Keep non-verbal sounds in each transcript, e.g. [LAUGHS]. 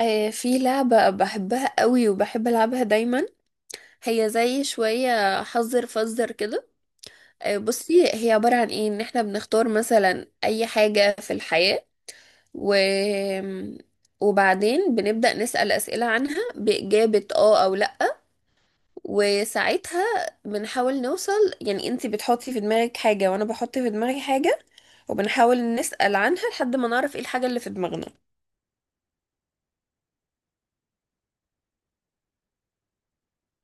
آه، في لعبة بحبها قوي وبحب ألعبها دايما. هي زي شوية حذر فزر كده. آه، بصي هي عبارة عن ايه؟ ان احنا بنختار مثلا اي حاجة في الحياة، و... وبعدين بنبدأ نسأل أسئلة عنها بإجابة اه أو لأ، وساعتها بنحاول نوصل. يعني انتي بتحطي في دماغك حاجة وانا بحط في دماغي حاجة، وبنحاول نسأل عنها لحد ما نعرف ايه الحاجة اللي في دماغنا.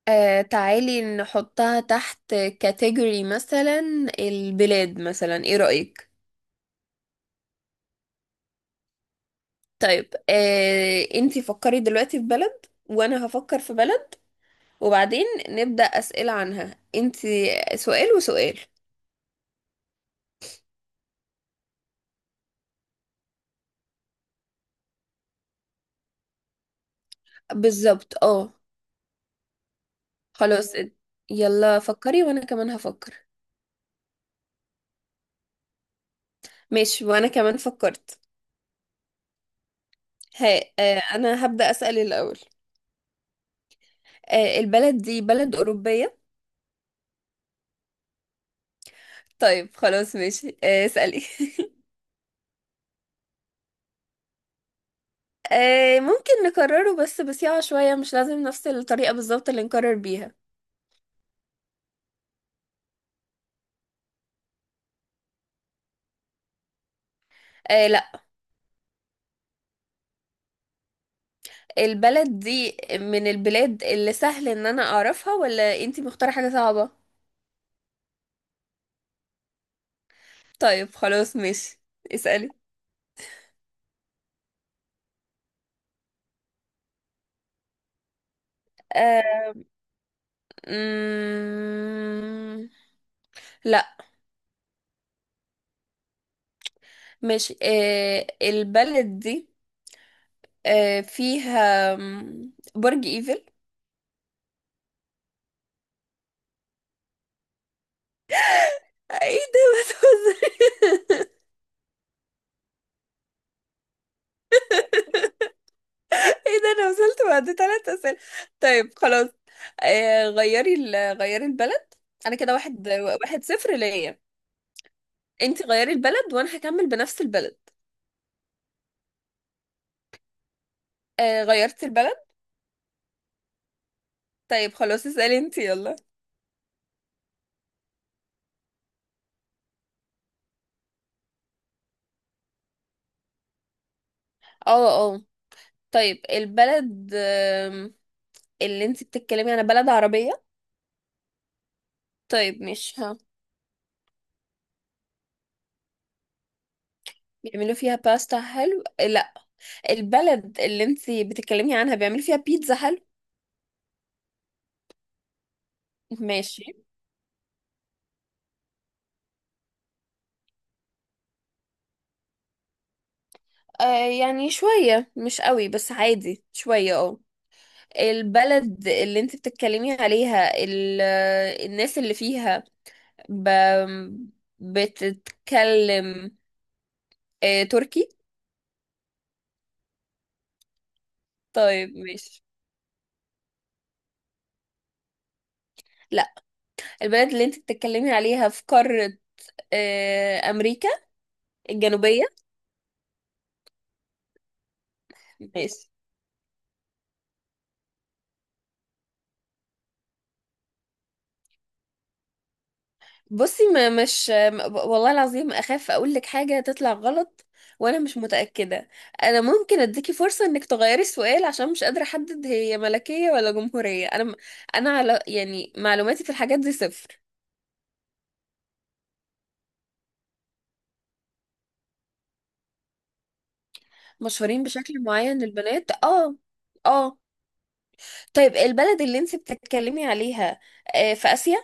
آه، تعالي نحطها تحت كاتيجوري مثلا. البلاد مثلا، ايه رأيك؟ طيب آه، انتي فكري دلوقتي في بلد وانا هفكر في بلد، وبعدين نبدأ أسئلة عنها. انتي سؤال وسؤال. بالظبط اه. خلاص، يلا فكري وانا كمان هفكر. ماشي، وانا كمان فكرت. ها آه، انا هبدأ أسأل الأول. آه، البلد دي بلد أوروبية؟ طيب خلاص ماشي، آه اسألي. [LAUGHS] آه، ممكن نكرره بس بسياقة شوية، مش لازم نفس الطريقة بالظبط اللي نكرر بيها. آه، لا. البلد دي من البلاد اللي سهل ان انا اعرفها، ولا انتي مختارة حاجة صعبة؟ طيب خلاص ماشي، اسألي. آه. مم... لا. ماشي، آه البلد دي آه فيها برج ايفل؟ آه، ايه ده؟ [LAUGHS] ايه ده، انا وصلت بعد 3 اسئله؟ طيب خلاص، آه غيري غيري البلد. انا كده 1-1-0 ليا. انت غيري البلد وانا هكمل بنفس البلد. آه، غيرت البلد؟ طيب خلاص، اسالي انت يلا. اه اه. طيب البلد اللي انت بتتكلمي عنها بلد عربيه؟ طيب مش ها. بيعملوا فيها باستا حلو؟ آه، لا. البلد اللي انت بتتكلمي عنها بيعملوا فيها بيتزا حلو؟ ماشي. آه يعني شويه، مش قوي بس عادي شويه، اه. البلد اللي انت بتتكلمي عليها الناس اللي فيها ب... بتتكلم آه، تركي؟ طيب ماشي. لا. البلد اللي انت بتتكلمي عليها في قارة آه، أمريكا الجنوبية؟ ماشي. بصي، ما مش والله العظيم أخاف أقول لك حاجة تطلع غلط. وأنا مش متأكدة. أنا ممكن أديكي فرصة إنك تغيري السؤال، عشان مش قادرة أحدد هي ملكية ولا جمهورية. أنا على يعني معلوماتي في الحاجات دي صفر. مشهورين بشكل معين للبنات، اه اه. طيب البلد اللي انت بتتكلمي عليها آه، في آسيا؟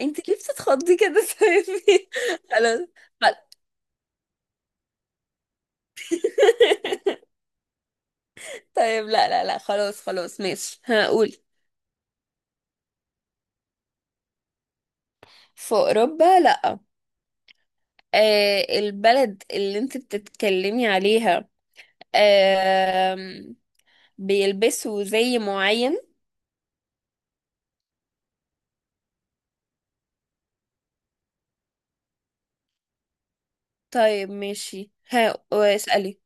انت ليه بتتخضي كده؟ [LAUGHS] سامي. خلاص. خلاص. [LAUGHS] طيب، لا لا لا، خلاص خلاص ماشي هقول. في أوروبا، لا. آه، البلد اللي انت بتتكلمي عليها آم، بيلبسوا زي معين؟ طيب ماشي، ها اسألي.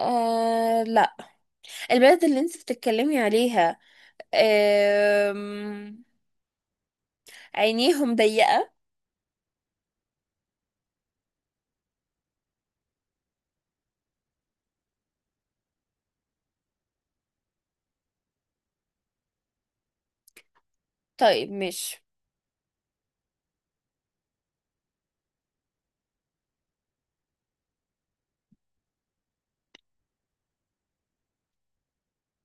آه لا. البلد اللي انت بتتكلمي عليها أم... عينيهم ضيقة؟ طيب مش.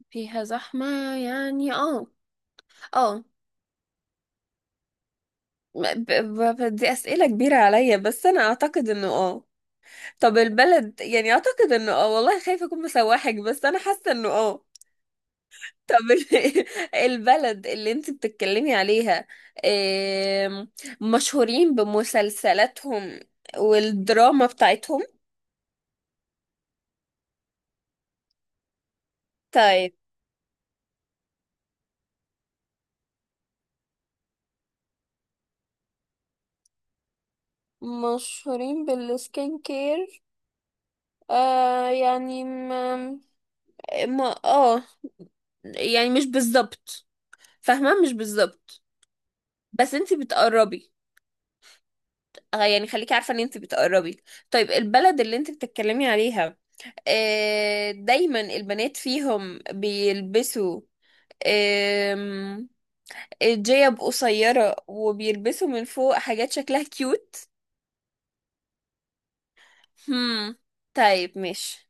فيها زحمة، يعني اه اه. دي أسئلة كبيرة عليا، بس أنا أعتقد إنه اه. طب البلد يعني أعتقد إنه اه، والله خايفة أكون مسوحك، بس أنا حاسة إنه اه. طب [LAUGHS] البلد اللي انت بتتكلمي عليها أم، مشهورين بمسلسلاتهم والدراما بتاعتهم؟ طيب مشهورين بالسكين كير، آه يعني ما اه، يعني مش بالظبط فاهمة، مش بالظبط. بس انتي بتقربي، آه، يعني خليكي عارفة ان انتي بتقربي. طيب البلد اللي انتي بتتكلمي عليها آه دايما البنات فيهم بيلبسوا آم، جيب قصيرة وبيلبسوا من فوق حاجات شكلها كيوت؟ هم. طيب ماشي.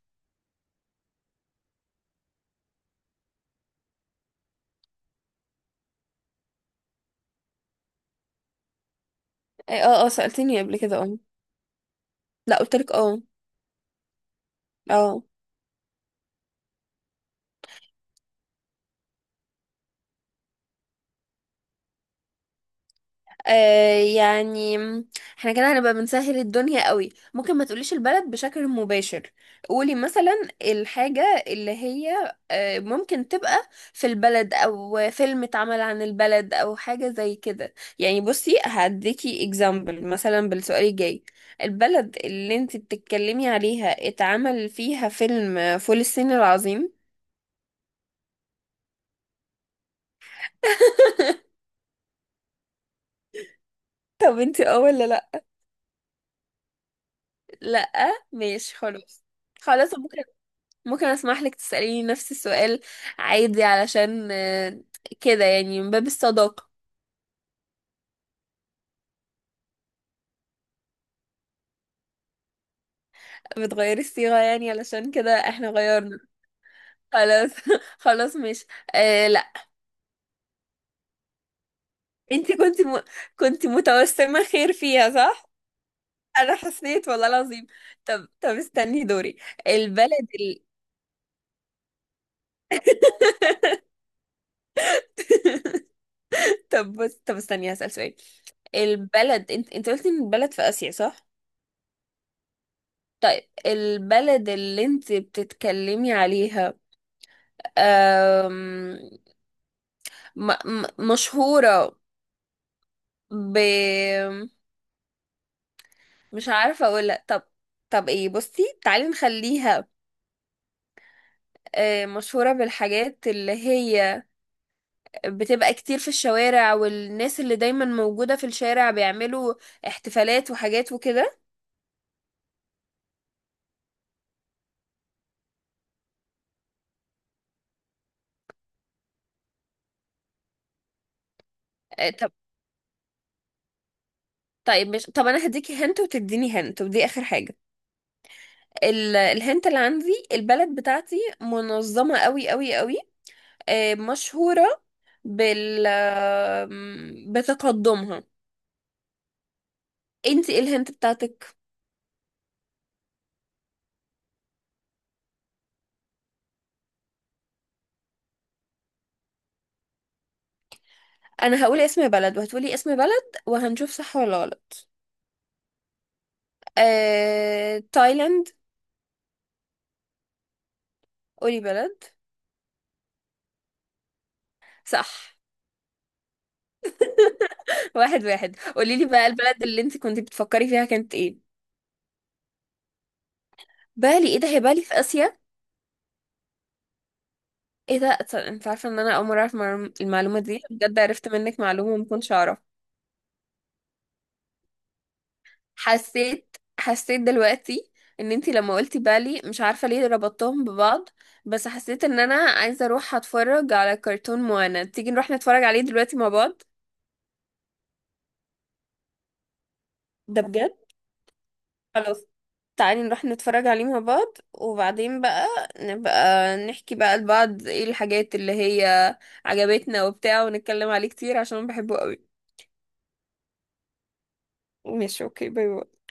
اه اه، سألتني قبل كده اه. لا، قلتلك اه. اه. آه يعني احنا كده هنبقى بنسهل الدنيا قوي. ممكن ما تقوليش البلد بشكل مباشر. قولي مثلا الحاجة اللي هي آه ممكن تبقى في البلد، او فيلم اتعمل عن البلد، او حاجة زي كده. يعني بصي، هديكي example مثلا بالسؤال الجاي. البلد اللي انت بتتكلمي عليها اتعمل فيها فيلم فول الصين العظيم؟ [LAUGHS] طب انت اه ولا لا؟ لا، ماشي خلاص. خلاص، بكرة ممكن اسمح لك تسأليني نفس السؤال عادي، علشان آه، كده يعني من باب الصداقة. بتغيري الصيغة يعني، علشان كده احنا غيرنا. خلاص. [LAUGHS] خلاص مش. آه لا. انتي كنت كنت متوسمة خير فيها، صح؟ انا حسيت والله العظيم. طب استني دوري. البلد ال... طب بص، طب استني هسأل سؤال. البلد انت قلتي ان البلد في آسيا، صح؟ طيب البلد اللي انت بتتكلمي عليها م م مشهورة ب، مش عارفة اقولها. طب، طب ايه، بصي تعالي نخليها آه، مشهورة بالحاجات اللي هي بتبقى كتير في الشوارع، والناس اللي دايما موجودة في الشارع بيعملوا احتفالات وحاجات وكده. آه، طب طيب مش طب، انا هديكي هنت وتديني هنت، ودي اخر حاجة. الهنت اللي عندي، البلد بتاعتي منظمة قوي قوي قوي. آه، مشهورة بال بتقدمها. انتي ايه الهنت بتاعتك؟ انا هقول اسم بلد وهتقولي اسم بلد، وهنشوف صح ولا غلط. آه... تايلاند. قولي بلد. صح. [LAUGHS] 1-1، قولي لي بقى البلد اللي انت كنت بتفكري فيها كانت ايه. بالي، ايه ده؟ هي بالي في اسيا؟ ايه ده، انت عارفه ان انا اول مره اعرف المعلومه دي؟ بجد عرفت منك معلومه ما كنتش اعرف. حسيت، حسيت دلوقتي ان انت لما قلتي بالي مش عارفه ليه ربطتهم ببعض، بس حسيت ان انا عايزه اروح اتفرج على كرتون موانا. تيجي نروح نتفرج عليه دلوقتي مع بعض؟ ده بجد. خلاص، تعالي نروح نتفرج عليه مع بعض، وبعدين بقى نبقى نحكي بقى لبعض ايه الحاجات اللي هي عجبتنا وبتاع، ونتكلم عليه كتير عشان بحبه قوي. ماشي اوكي، باي باي.